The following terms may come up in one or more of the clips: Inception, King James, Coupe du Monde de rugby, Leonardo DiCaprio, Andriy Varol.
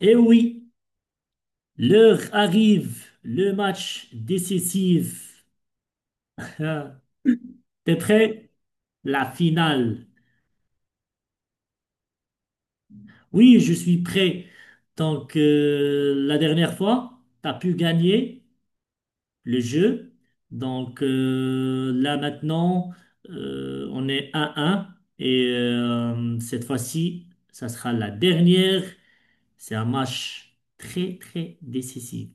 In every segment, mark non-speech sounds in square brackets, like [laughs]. Et oui, l'heure arrive, le match décisif. Ah, t'es prêt? La finale. Oui, je suis prêt. Donc, la dernière fois, t'as pu gagner le jeu. Donc, là maintenant, on est 1 un. Et cette fois-ci, ça sera la dernière. C'est un match très, très décisif.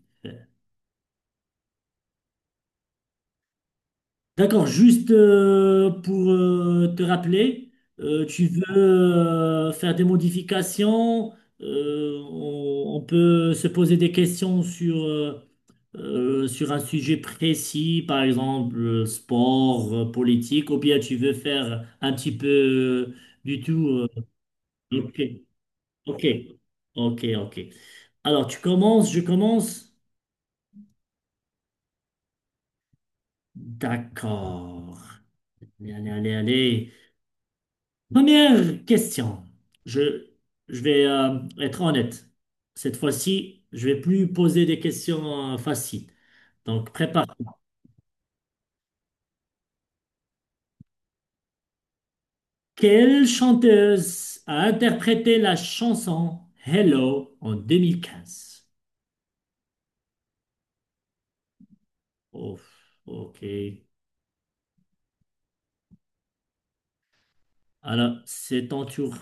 D'accord, juste pour te rappeler, tu veux faire des modifications, on peut se poser des questions sur, sur un sujet précis, par exemple sport, politique, ou bien tu veux faire un petit peu du tout. Ok, ok, ok, ok. Alors tu commences, je commence. D'accord. Allez, allez, allez. Première question. Je, je vais être honnête. Cette fois-ci, je vais plus poser des questions faciles. Donc, prépare-toi. Quelle chanteuse a interprété la chanson Hello en 2015? Oh, ok. Alors, c'est ton tour.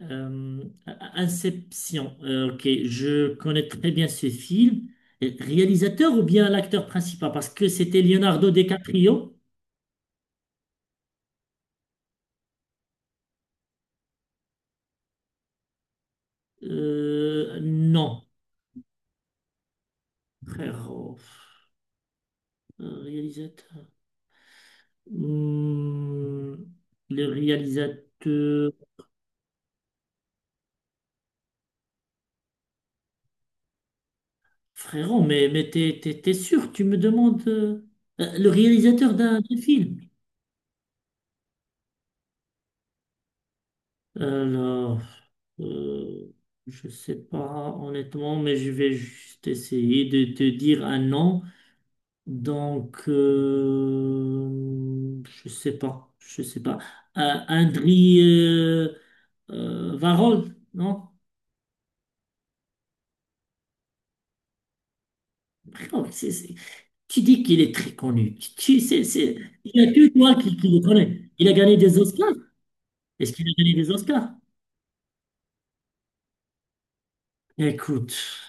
Euh, Inception. Ok, je connais très bien ce film. Réalisateur ou bien l'acteur principal? Parce que c'était Leonardo DiCaprio. Non, frérot. Réalisateur. Hmm, le réalisateur. Frérot, mais t'es sûr, tu me demandes le réalisateur d'un film. Alors, euh, je sais pas honnêtement, mais je vais juste essayer de te dire un nom. Donc, je sais pas, je sais pas. Euh, Andriy Varol, non? Frérot, tu dis qu'il est très connu. Il n'y a que toi qui le connais. Il a gagné des Oscars. Est-ce qu'il a gagné des Oscars? Écoute,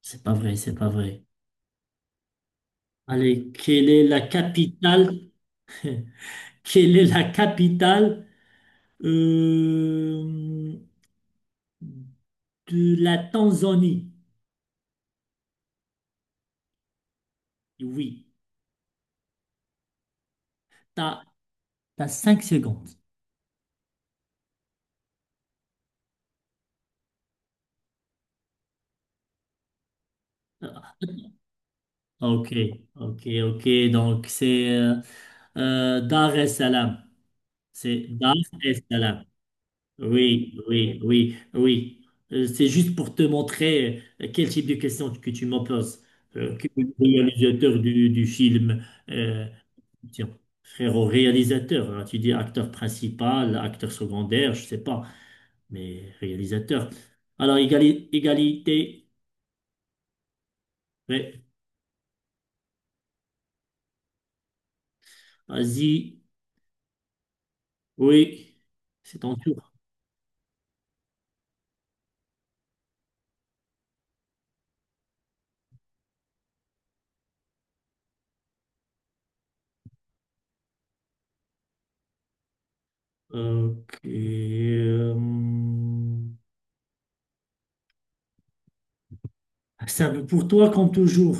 c'est pas vrai, c'est pas vrai. Allez, quelle est la capitale? [laughs] Quelle est la capitale euh, de la Tanzanie? Oui. T'as 5 secondes. Ah, ok, ok, ok. Donc, c'est Dar es Salaam. C'est Dar es Salaam. Oui, oui, oui, oui. C'est juste pour te montrer quel type de question que tu me poses. Que le réalisateur du film, euh, tiens, frérot, réalisateur, hein, tu dis acteur principal, acteur secondaire, je sais pas, mais réalisateur. Alors, égalité, ouais, vas-y. Oui, c'est ton tour. Ok. euh, ça veut pour toi comme toujours.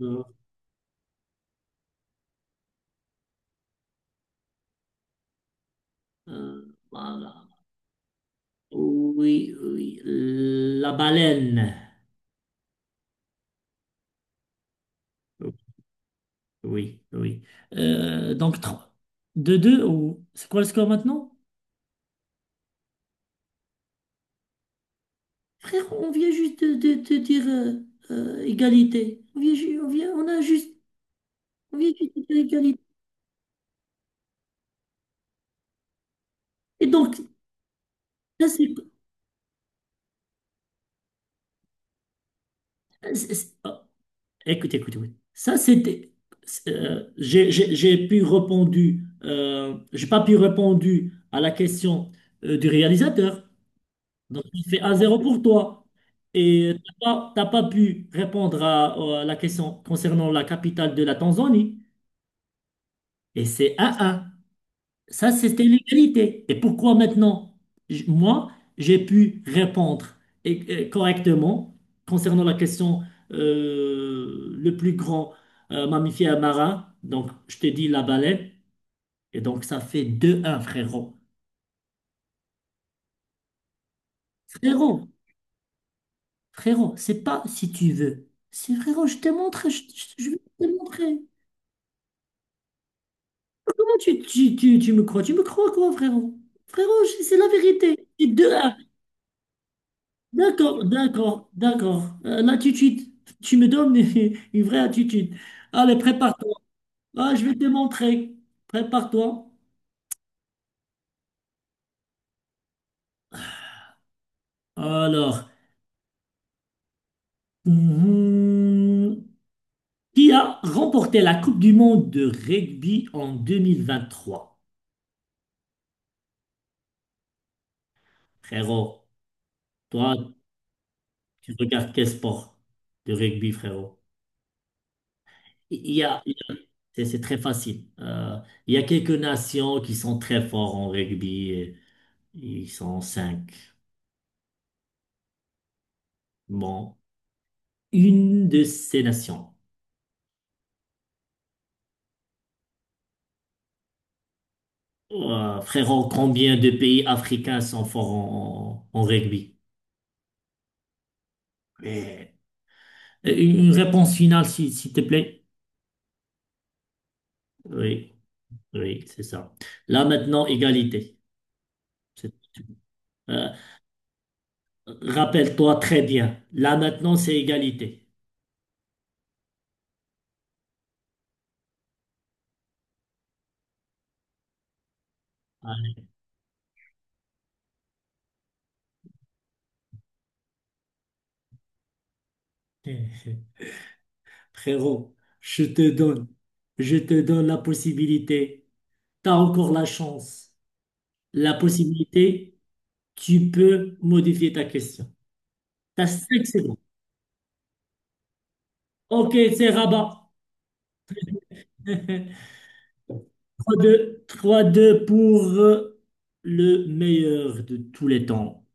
Euh, voilà. Oui, oui. La baleine. Oui, oui. Donc, deux deux, ou c'est quoi le score maintenant? Frère, on vient juste de dire égalité. On a juste, on vient juste de dire égalité. Et donc, là c'est, écoute, écoute, écoute. Ça, c'était. J'ai pu répondre, j'ai pas pu répondre à la question du réalisateur. Donc, il fait 1 zéro pour toi. Et t'as pas pu répondre à la question concernant la capitale de la Tanzanie. Et c'est 1 un. Ça, c'était l'égalité. Et pourquoi maintenant, moi, j'ai pu répondre et correctement concernant la question le plus grand mammifère marin, donc je te dis la baleine, et donc ça fait deux un frérot. Frérot, frérot, c'est pas si tu veux. C'est frérot, je te montre, je vais te montrer. Comment tu me crois? Tu me crois quoi, frérot? Frérot, c'est la vérité. C'est 2. D'accord, d'accord, d'accord. L'attitude, tu me donnes [laughs] une vraie attitude. Allez, prépare-toi. Ah, je vais te montrer. Prépare-toi. Alors, mhm, qui a remporté la Coupe du Monde de rugby en 2023? Frérot, toi, tu regardes quel sport de rugby, frérot? Il y a, il y a- c'est très facile. Il y a quelques nations qui sont très fortes en rugby. Et ils sont cinq. Bon. Une de ces nations. Oh, frérot, combien de pays africains sont forts en rugby? Mais- une réponse finale, s'il te plaît. Oui, oui, c'est ça. Là maintenant, égalité. C'est- tout. Euh, rappelle-toi très bien. Là maintenant, c'est égalité. Allez. [laughs] Frérot, je te donne, je te donne la possibilité. T'as encore la chance. La possibilité, tu peux modifier ta question. T'as 5 secondes. Ok, c'est Rabat. [laughs] Trois deux, trois deux pour le meilleur de tous les temps.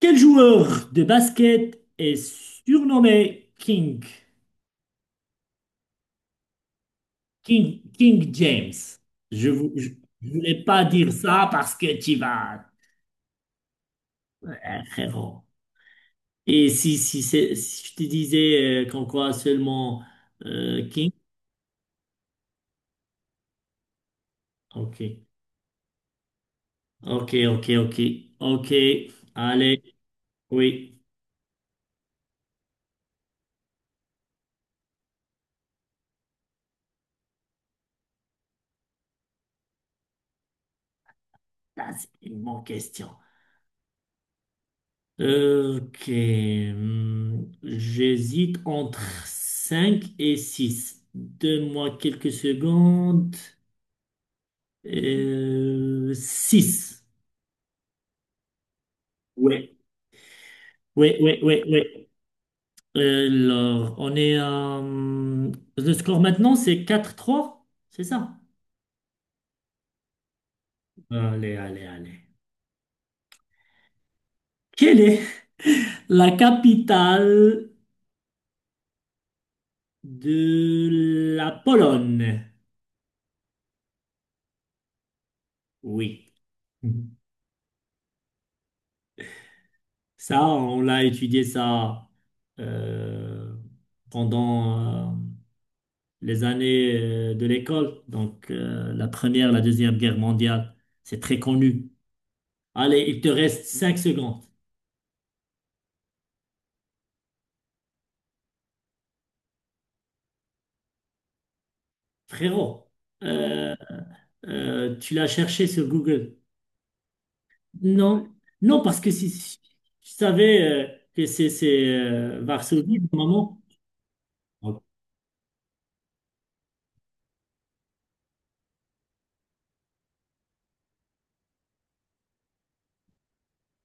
Quel joueur de basket est surnommé King? King, King James. Je vous, je, je voulais pas dire ça parce que tu vas, frérot. Et si je te disais qu'en quoi seulement King? Ok, ok, ok, ok, ok. Allez, oui. Ça, c'est une bonne question. Ok. Hmm, j'hésite entre 5 et 6. Donne-moi quelques secondes. 6. Ouais. Ouais, ouais, ouais, ouais. Alors, on est à... hmm, le score maintenant, c'est quatre trois, c'est ça? Allez, allez, allez. Quelle est [laughs] la capitale de la Pologne? Oui. Ça, on l'a étudié ça euh, pendant les années de l'école, donc la Première, la Deuxième Guerre mondiale, c'est très connu. Allez, il te reste cinq secondes. Frérot, euh, tu l'as cherché sur Google? Non, non, parce que si tu savais que c'est, Varsovie, maman.